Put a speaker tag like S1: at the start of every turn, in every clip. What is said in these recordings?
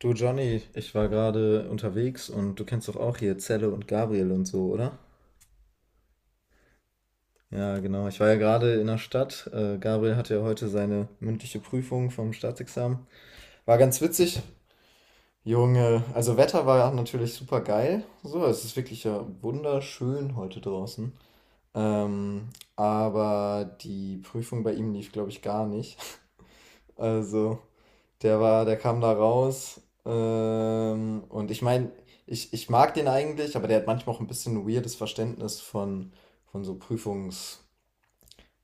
S1: Du Johnny, ich war gerade unterwegs und du kennst doch auch hier Zelle und Gabriel und so, oder? Ja, genau. Ich war ja gerade in der Stadt. Gabriel hatte ja heute seine mündliche Prüfung vom Staatsexamen. War ganz witzig. Junge, also Wetter war natürlich super geil. So, es ist wirklich ja wunderschön heute draußen. Ähm, aber die Prüfung bei ihm lief, glaube ich, gar nicht. Also, der kam da raus. Und ich meine, ich mag den eigentlich, aber der hat manchmal auch ein bisschen ein weirdes Verständnis von so Prüfungs,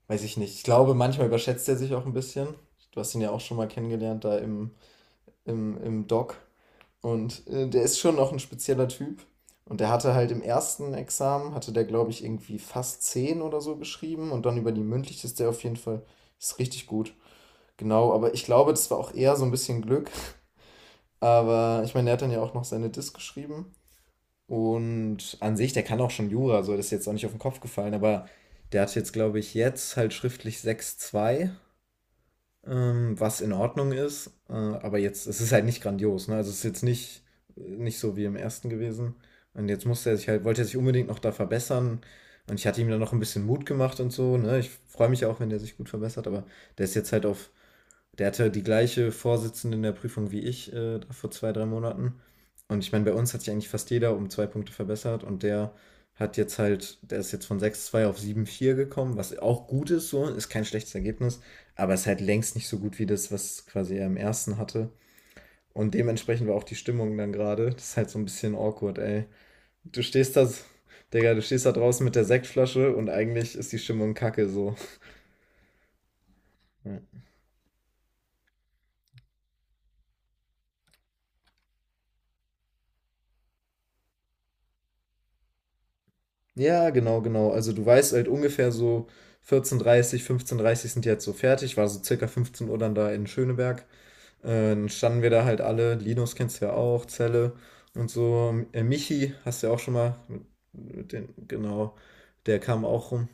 S1: weiß ich nicht. Ich glaube, manchmal überschätzt er sich auch ein bisschen. Du hast ihn ja auch schon mal kennengelernt da im Doc. Und der ist schon noch ein spezieller Typ. Und der hatte halt im ersten Examen, hatte der, glaube ich, irgendwie fast 10 oder so geschrieben. Und dann über die mündliche ist der auf jeden Fall, ist richtig gut. Genau, aber ich glaube, das war auch eher so ein bisschen Glück. Aber ich meine, der hat dann ja auch noch seine Diss geschrieben. Und an sich, der kann auch schon Jura, so das ist jetzt auch nicht auf den Kopf gefallen, aber der hat jetzt, glaube ich, jetzt halt schriftlich 6,2, was in Ordnung ist. Aber jetzt, es ist halt nicht grandios, ne? Also es ist jetzt nicht so wie im ersten gewesen. Und jetzt musste er sich halt, wollte er sich unbedingt noch da verbessern. Und ich hatte ihm dann noch ein bisschen Mut gemacht und so, ne? Ich freue mich ja auch, wenn der sich gut verbessert, aber der ist jetzt halt auf der hatte die gleiche Vorsitzende in der Prüfung wie ich vor zwei, drei Monaten. Und ich meine, bei uns hat sich eigentlich fast jeder um zwei Punkte verbessert und der hat jetzt halt, der ist jetzt von 6,2 auf 7,4 gekommen, was auch gut ist, so, ist kein schlechtes Ergebnis, aber ist halt längst nicht so gut wie das, was quasi er im ersten hatte. Und dementsprechend war auch die Stimmung dann gerade. Das ist halt so ein bisschen awkward, ey. Du stehst da, Digga, du stehst da draußen mit der Sektflasche und eigentlich ist die Stimmung kacke so. Ja. Ja, genau, genau. Also du weißt halt ungefähr so 14:30, 15:30 sind die jetzt so fertig, war so circa 15 Uhr dann da in Schöneberg. Äh, dann standen wir da halt alle, Linus kennst du ja auch, Zelle und so. Michi hast du ja auch schon mal, mit den, genau, der kam auch rum.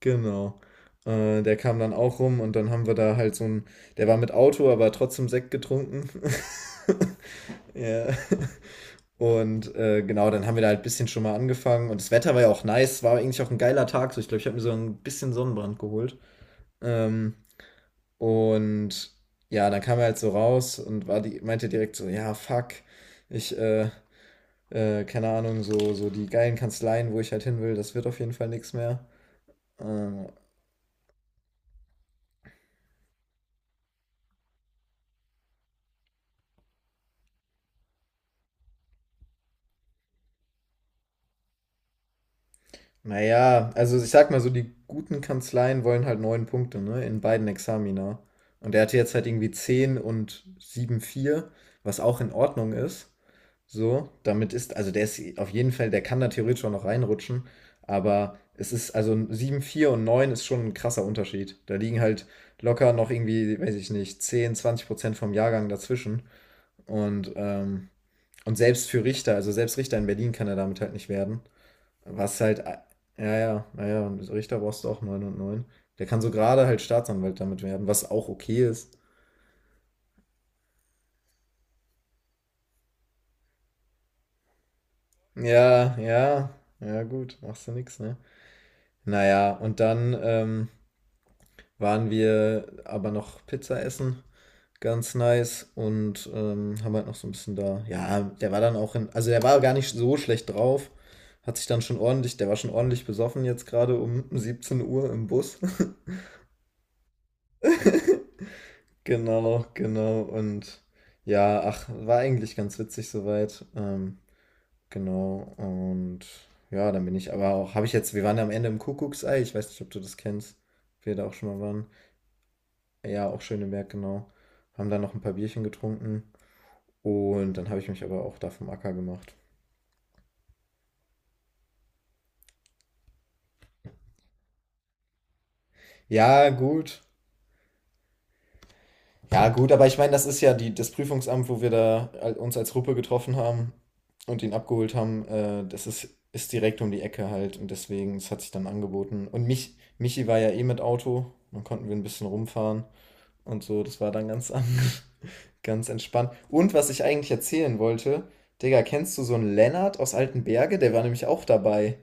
S1: Genau. Der kam dann auch rum und dann haben wir da halt so ein, der war mit Auto, aber trotzdem Sekt getrunken. Ja, und genau, dann haben wir da halt ein bisschen schon mal angefangen. Und das Wetter war ja auch nice, war eigentlich auch ein geiler Tag. So, ich glaube, ich habe mir so ein bisschen Sonnenbrand geholt. Ähm, und ja, dann kam er halt so raus und war die, meinte direkt so, ja, fuck, ich, äh, keine Ahnung, so, die geilen Kanzleien, wo ich halt hin will, das wird auf jeden Fall nichts mehr. Äh, naja, also ich sag mal so, die guten Kanzleien wollen halt neun Punkte, ne? In beiden Examina. Und er hatte jetzt halt irgendwie 10 und 7,4 was auch in Ordnung ist. So, damit ist, also der ist auf jeden Fall, der kann da theoretisch auch noch reinrutschen, aber es ist, also 7,4 und 9 ist schon ein krasser Unterschied. Da liegen halt locker noch irgendwie, weiß ich nicht, 10, 20% vom Jahrgang dazwischen. Und, ähm, und selbst für Richter, also selbst Richter in Berlin kann er damit halt nicht werden. Was halt, ja, ja, naja, und Richter brauchst du auch 9 und 9. Der kann so gerade halt Staatsanwalt damit werden, was auch okay ist. Ja, ja, ja, gut, machst du nix, ne? Naja, und dann, waren wir aber noch Pizza essen. Ganz nice und haben halt noch so ein bisschen da. Ja, der war dann auch in. Also, der war gar nicht so schlecht drauf. Hat sich dann schon ordentlich. Der war schon ordentlich besoffen jetzt gerade um 17 Uhr im Bus. Genau, genau. Und ja, ach, war eigentlich ganz witzig soweit. Genau. Und ja, dann bin ich aber auch. Habe ich jetzt. Wir waren ja am Ende im Kuckucksei. Ich weiß nicht, ob du das kennst. Wir da auch schon mal waren. Ja, auch Schöneberg, genau. Haben dann noch ein paar Bierchen getrunken. Und dann habe ich mich aber auch da vom Acker gemacht. Ja, gut. Ja, gut, aber ich meine, das ist ja die, das Prüfungsamt, wo wir da uns als Gruppe getroffen haben und ihn abgeholt haben. Das ist direkt um die Ecke halt und deswegen, es hat sich dann angeboten. Michi war ja eh mit Auto, dann konnten wir ein bisschen rumfahren und so. Das war dann ganz entspannt. Und was ich eigentlich erzählen wollte, Digga, kennst du so einen Lennart aus Altenberge? Der war nämlich auch dabei.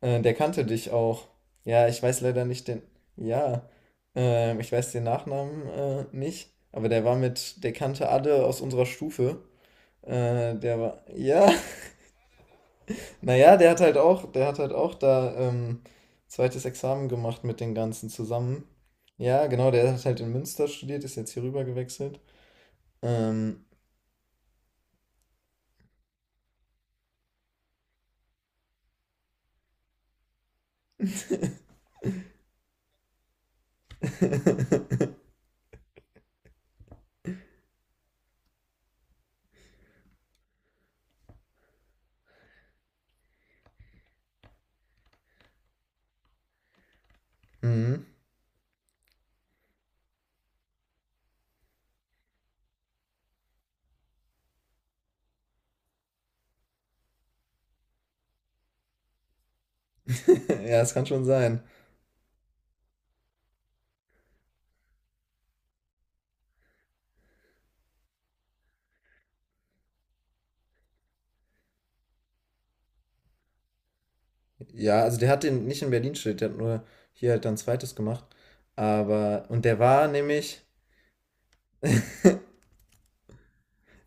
S1: Der kannte dich auch. Ja, ich weiß leider nicht den. Ja, ich weiß den Nachnamen nicht, aber der war mit, der kannte alle aus unserer Stufe. Der war, ja, naja, der hat halt auch da zweites Examen gemacht mit den ganzen zusammen. Ja, genau, der hat halt in Münster studiert, ist jetzt hier rüber gewechselt. Ähm, mhm. Ja, es kann schon sein. Ja, also der hat den nicht in Berlin studiert, der hat nur hier halt dann zweites gemacht. Aber, und der war nämlich,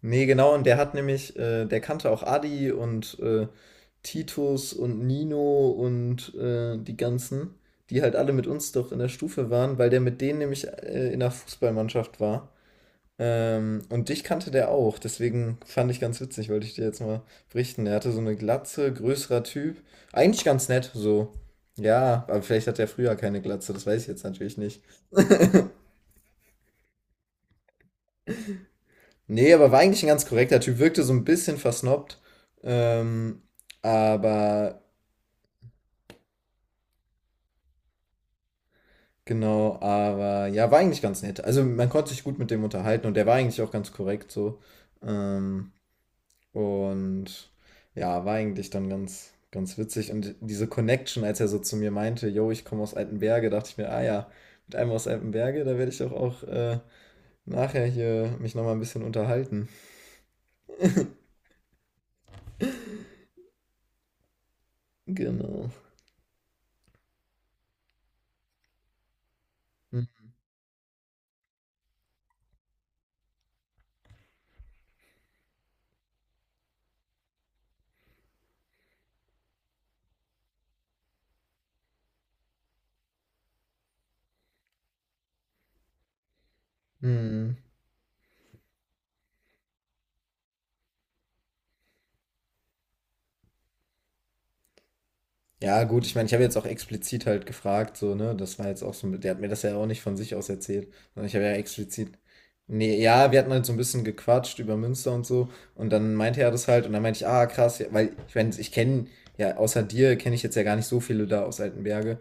S1: nee, genau, und der hat nämlich, der kannte auch Adi und Titus und Nino und die ganzen, die halt alle mit uns doch in der Stufe waren, weil der mit denen nämlich in der Fußballmannschaft war. Und dich kannte der auch, deswegen fand ich ganz witzig, wollte ich dir jetzt mal berichten. Er hatte so eine Glatze, größerer Typ. Eigentlich ganz nett, so. Ja, aber vielleicht hat er früher keine Glatze, das weiß ich jetzt natürlich nicht. Nee, aber war eigentlich ein ganz korrekter Typ, wirkte so ein bisschen versnobbt. Ähm, aber, genau, aber ja, war eigentlich ganz nett. Also man konnte sich gut mit dem unterhalten und der war eigentlich auch ganz korrekt so. Ähm, Und ja, war eigentlich dann ganz, ganz witzig. Und diese Connection, als er so zu mir meinte, yo, ich komme aus Altenberge, dachte ich mir, ah ja, mit einem aus Altenberge, da werde ich doch auch nachher hier mich nochmal ein bisschen unterhalten. Genau. Mhm. Ja, gut, ich meine, ich habe jetzt auch explizit halt gefragt, so, ne? Das war jetzt auch so, der hat mir das ja auch nicht von sich aus erzählt, sondern ich habe ja explizit. Nee, ja, wir hatten halt so ein bisschen gequatscht über Münster und so. Und dann meinte er das halt und dann meinte ich, ah, krass, ja, weil ich meine, ich kenne, ja, außer dir kenne ich jetzt ja gar nicht so viele da aus Altenberge.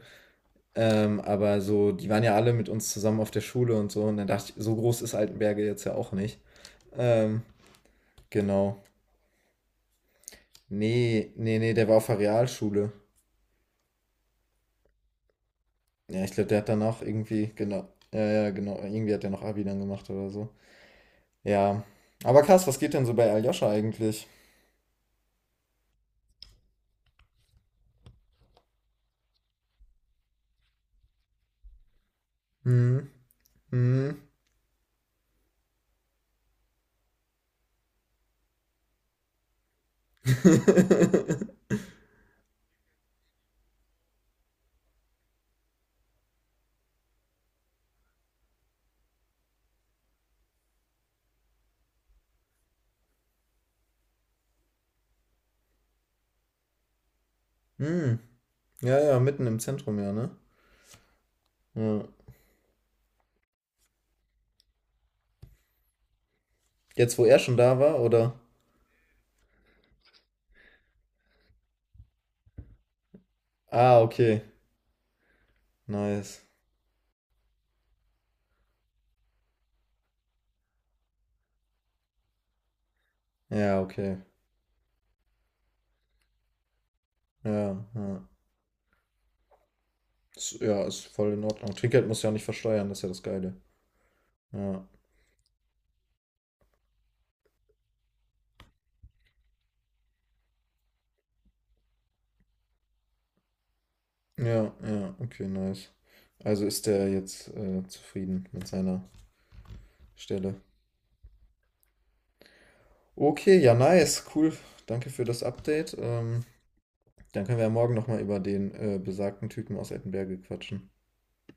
S1: Aber so, die waren ja alle mit uns zusammen auf der Schule und so. Und dann dachte ich, so groß ist Altenberge jetzt ja auch nicht. Ähm, genau. Nee, nee, nee, der war auf der Realschule. Ja, ich glaube, der hat danach irgendwie, genau, ja, ja, genau, irgendwie hat er noch Abi dann gemacht oder so. Ja. Aber krass, was geht denn so bei Aljoscha eigentlich? Hm, hm. Hm. Ja, ja, mitten im Zentrum, ja, ne? Ja. Jetzt, wo er schon da war, oder? Ah, okay. Nice. Ja, okay. Ja, ja. Ist, ja, ist voll in Ordnung. Trinkgeld muss ja nicht versteuern, das ist ja das Geile. Ja, ja, ja, okay, nice. Also ist der jetzt zufrieden mit seiner Stelle. Okay, ja, nice, cool. Danke für das Update. Dann können wir ja morgen nochmal über den besagten Typen aus Ettenberge quatschen.